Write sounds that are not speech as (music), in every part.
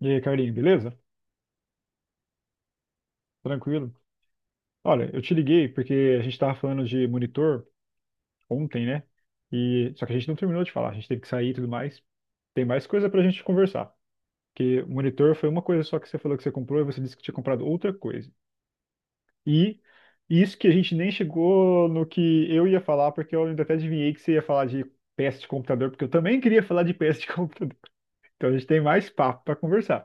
E aí, Carlinhos, beleza? Tranquilo? Olha, eu te liguei porque a gente estava falando de monitor ontem, né? E só que a gente não terminou de falar, a gente teve que sair e tudo mais. Tem mais coisa pra gente conversar. Porque monitor foi uma coisa só que você falou que você comprou e você disse que tinha comprado outra coisa. E isso que a gente nem chegou no que eu ia falar, porque eu ainda até adivinhei que você ia falar de peça de computador, porque eu também queria falar de peça de (laughs) computador. Então a gente tem mais papo pra conversar.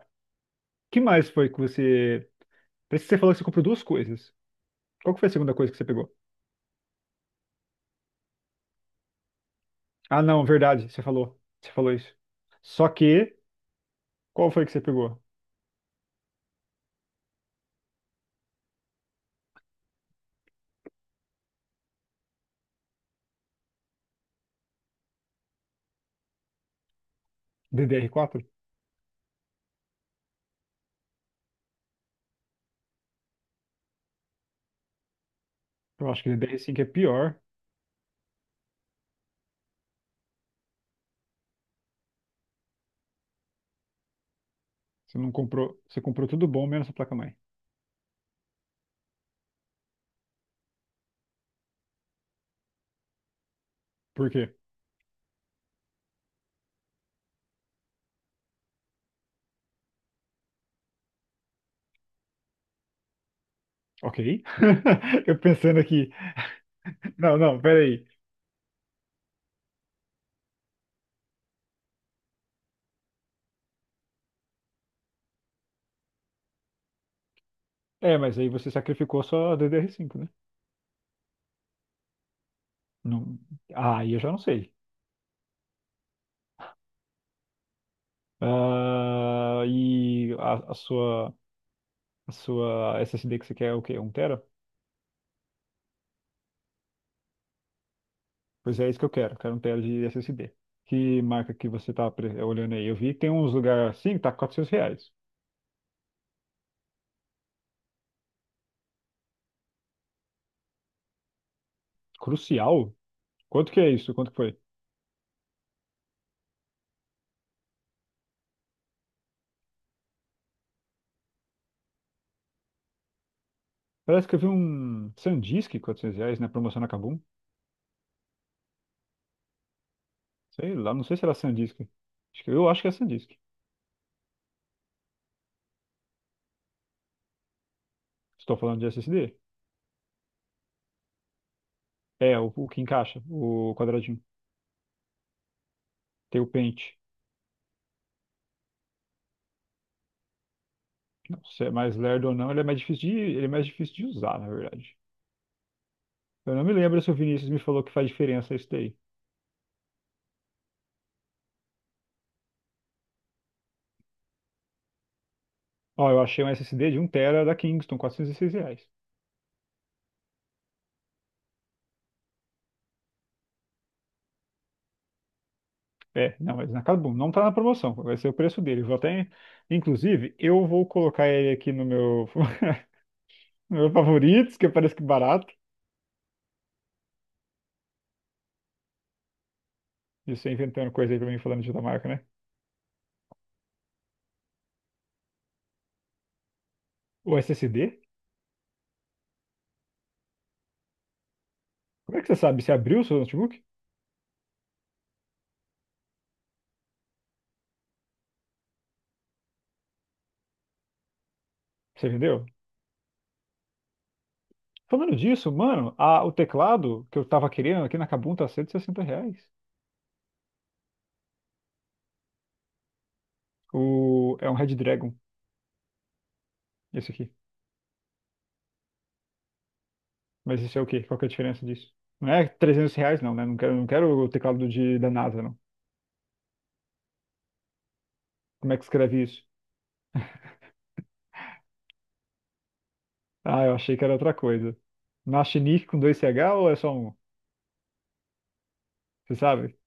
O que mais foi que você. Parece que você falou que você comprou duas coisas. Qual que foi a segunda coisa que você pegou? Ah, não, verdade, você falou. Você falou isso. Só que, qual foi que você pegou? DDR4. Eu acho que DDR5 é pior. Você não comprou, você comprou tudo bom menos a placa-mãe. Por quê? Ok. (laughs) Eu pensando aqui. (laughs) Não, não, peraí. É, mas aí você sacrificou só a DDR5, né? Não... Ah, aí eu já não sei. Ah, e a sua SSD que você quer é o quê? Um tera? Pois é, isso que eu quero. Quero um tela de SSD. Que marca que você tá olhando aí? Eu vi que tem uns lugares assim que tá 400 reais. Crucial? Quanto que é isso? Quanto que foi? Parece que eu vi um SanDisk 400 reais na promoção na Kabum. Sei lá, não sei se era SanDisk. Eu acho que é SanDisk. Estou falando de SSD. O que encaixa, o quadradinho. Tem o pente. Não, se é mais lerdo ou não, ele é mais difícil de, ele é mais difícil de usar, na verdade. Eu não me lembro se o Vinícius me falou que faz diferença isso daí. Ó, eu achei um SSD de um tera da Kingston, 406 reais. Não, mas na Kabum, não tá na promoção, vai ser o preço dele. Vou até, inclusive, eu vou colocar ele aqui no meu, (laughs) no meu favoritos, que parece que é barato. Isso é inventando coisa aí pra mim falando de outra marca, né? O SSD? Como é que você sabe? Você abriu o seu notebook? Você vendeu? Falando disso, mano, o teclado que eu tava querendo aqui na Kabum tá 160 reais. É um Red Dragon, esse aqui. Mas isso é o quê? Qual que é a diferença disso? Não é 300 reais, não, né? Não quero, não quero o teclado da NASA, não. Como é que escreve isso? Ah, eu achei que era outra coisa. Machinique com dois C H ou é só um? Você sabe?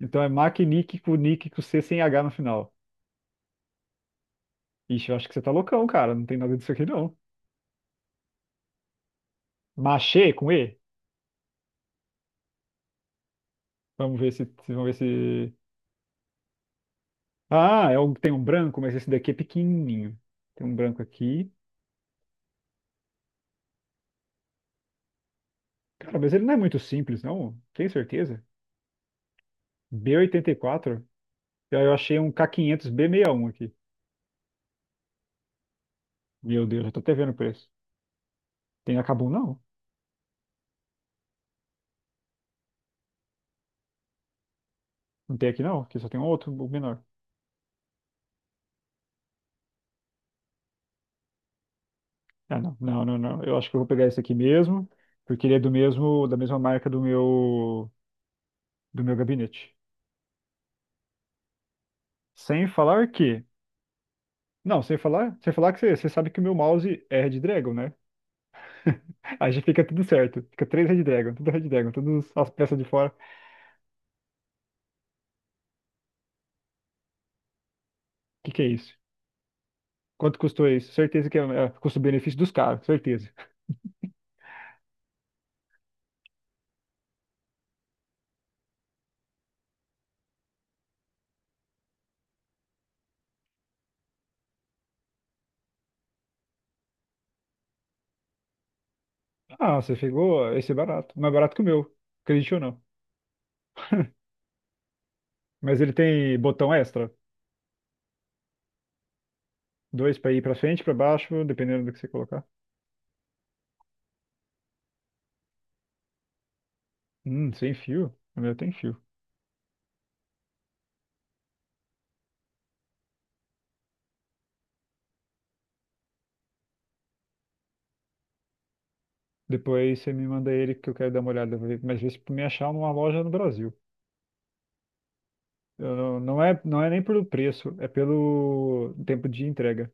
Então é Macnique com Nick com C sem H no final. Ixi, eu acho que você tá loucão, cara. Não tem nada disso aqui, não. Machê com E? Vamos ver se, vamos ver se. Ah, tem um branco, mas esse daqui é pequenininho. Tem um branco aqui. Cara, mas ele não é muito simples, não. Tem certeza? B84? E aí, eu achei um K500 B61 aqui. Meu Deus, eu tô até vendo o preço. Tem acabou, não? Não tem aqui, não? Aqui só tem um outro, o menor. Ah, não, não, não, não. Eu acho que eu vou pegar esse aqui mesmo, porque ele é da mesma marca do meu gabinete. Sem falar que, não, sem falar que você sabe que o meu mouse é Red Dragon, né? (laughs) Aí já fica tudo certo. Fica três Red Dragon, tudo Red Dragon, todas as peças de fora. O que que é isso? Quanto custou isso? Certeza que é custo-benefício dos caras, certeza. Ah, você pegou esse é barato, mais barato que o meu, acredite ou não. Mas ele tem botão extra, dois para ir para frente, para baixo, dependendo do que você colocar. Sem fio? O meu tem fio. Depois você me manda ele que eu quero dar uma olhada, mas vê se me achar numa loja no Brasil. Eu não, não é nem pelo preço, é pelo tempo de entrega.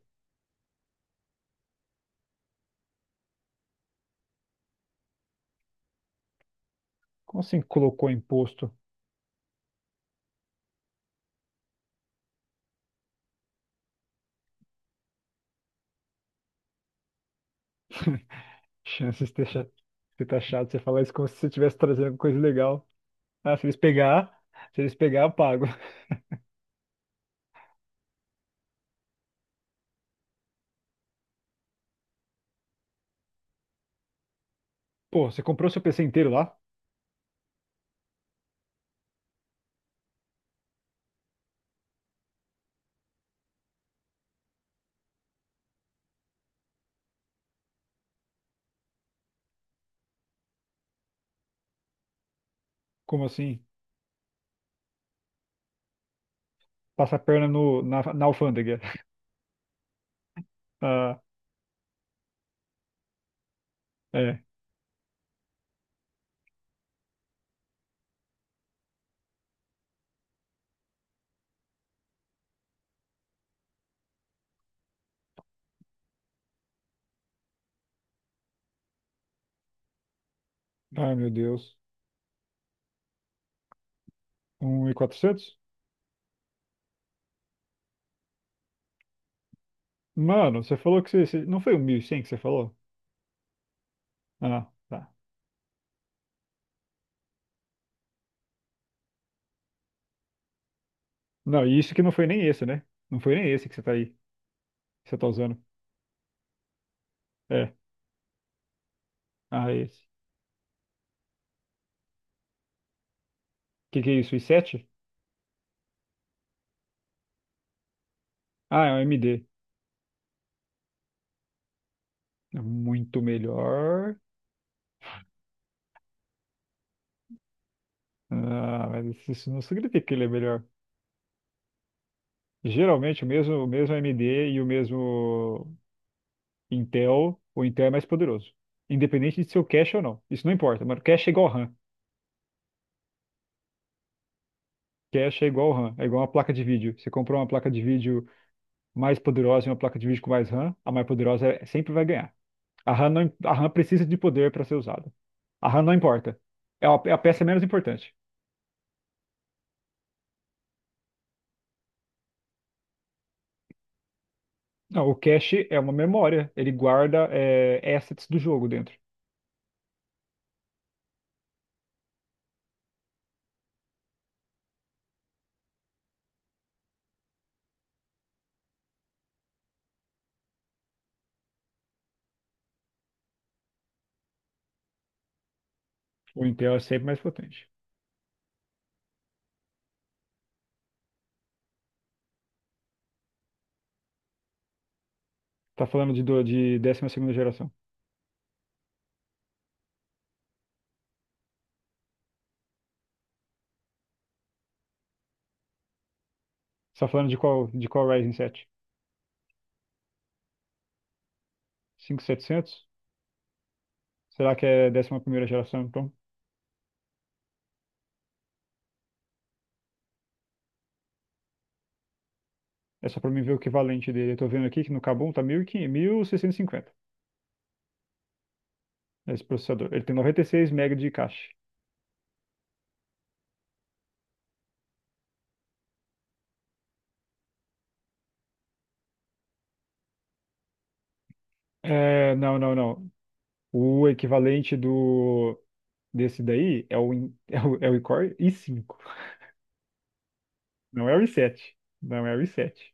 Como assim colocou imposto? (laughs) Chances de ter de tá chato você falar isso como se você estivesse trazendo alguma coisa legal. Ah, se eles pegar, se eles pegar, eu pago. (laughs) Pô, você comprou seu PC inteiro lá? Como assim? Passa a perna no, na, na alfândega. (laughs) Ah, é. Ai, meu Deus. Um e quatrocentos? Mano, você falou que não foi o 1100 que você falou? Ah, tá. Não, e isso que não foi nem esse, né? Não foi nem esse que você tá aí. Que você tá usando. É. Ah, esse. Que é isso? O i7? Ah, é um AMD. É muito melhor. Ah, mas isso não significa que ele é melhor. Geralmente o mesmo AMD e o mesmo Intel, o Intel é mais poderoso. Independente de ser o cache ou não. Isso não importa, mano. Cache é igual RAM. Cache é igual RAM. É igual uma placa de vídeo. Você comprou uma placa de vídeo mais poderosa e uma placa de vídeo com mais RAM, a mais poderosa sempre vai ganhar. A RAM, não, a RAM precisa de poder para ser usada. A RAM não importa. É a peça menos importante. Não, o cache é uma memória. Ele guarda assets do jogo dentro. O Intel é sempre mais potente. Tá falando de décima segunda geração. Você tá falando de qual Ryzen 7? Setecentos? Será que é décima primeira geração, então? É só para mim ver o equivalente dele. Eu tô vendo aqui que no Kabum tá mil e quinhentos, mil seiscentos e cinquenta. Esse processador. Ele tem 96 megas de cache. É, não, não, não. O equivalente do desse daí (laughs) é o Core i5. Não é o i7. Não é o I sete.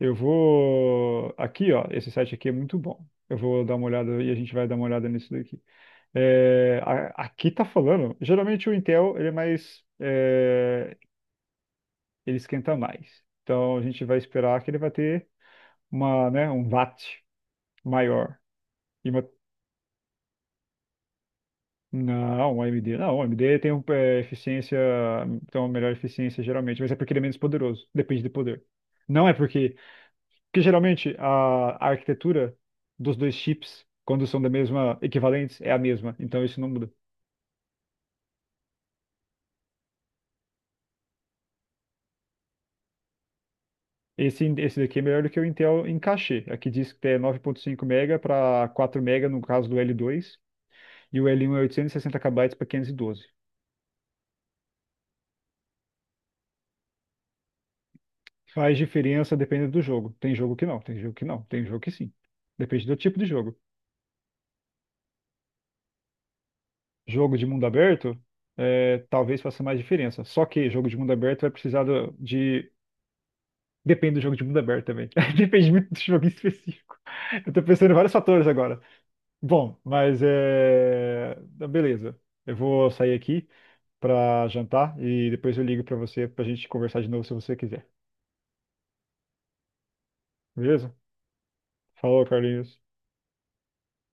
Eu vou aqui, ó. Esse site aqui é muito bom. Eu vou dar uma olhada e a gente vai dar uma olhada nisso daqui. É, aqui tá falando. Geralmente o Intel ele é mais, ele esquenta mais. Então a gente vai esperar que ele vai ter uma, né, um watt maior e uma. Não, o AMD. Não, o AMD tem um, eficiência, tem uma melhor eficiência geralmente, mas é porque ele é menos poderoso. Depende do poder. Não é porque. Porque geralmente a arquitetura dos dois chips, quando são da mesma equivalentes, é a mesma. Então isso não muda. Esse daqui é melhor do que o Intel em cachê. Aqui diz que é 9,5 mega para 4 mega no caso do L2, e o L1 é 860 KB para 512. Faz diferença dependendo do jogo. Tem jogo que não, tem jogo que não, tem jogo que sim. Depende do tipo de jogo. Jogo de mundo aberto, talvez faça mais diferença. Só que jogo de mundo aberto vai precisar de. Depende do jogo de mundo aberto também. (laughs) Depende muito do jogo em específico. (laughs) Eu tô pensando em vários fatores agora. Bom, mas é. Então, beleza. Eu vou sair aqui pra jantar e depois eu ligo pra você pra gente conversar de novo se você quiser. Beleza? Falou, Carlinhos.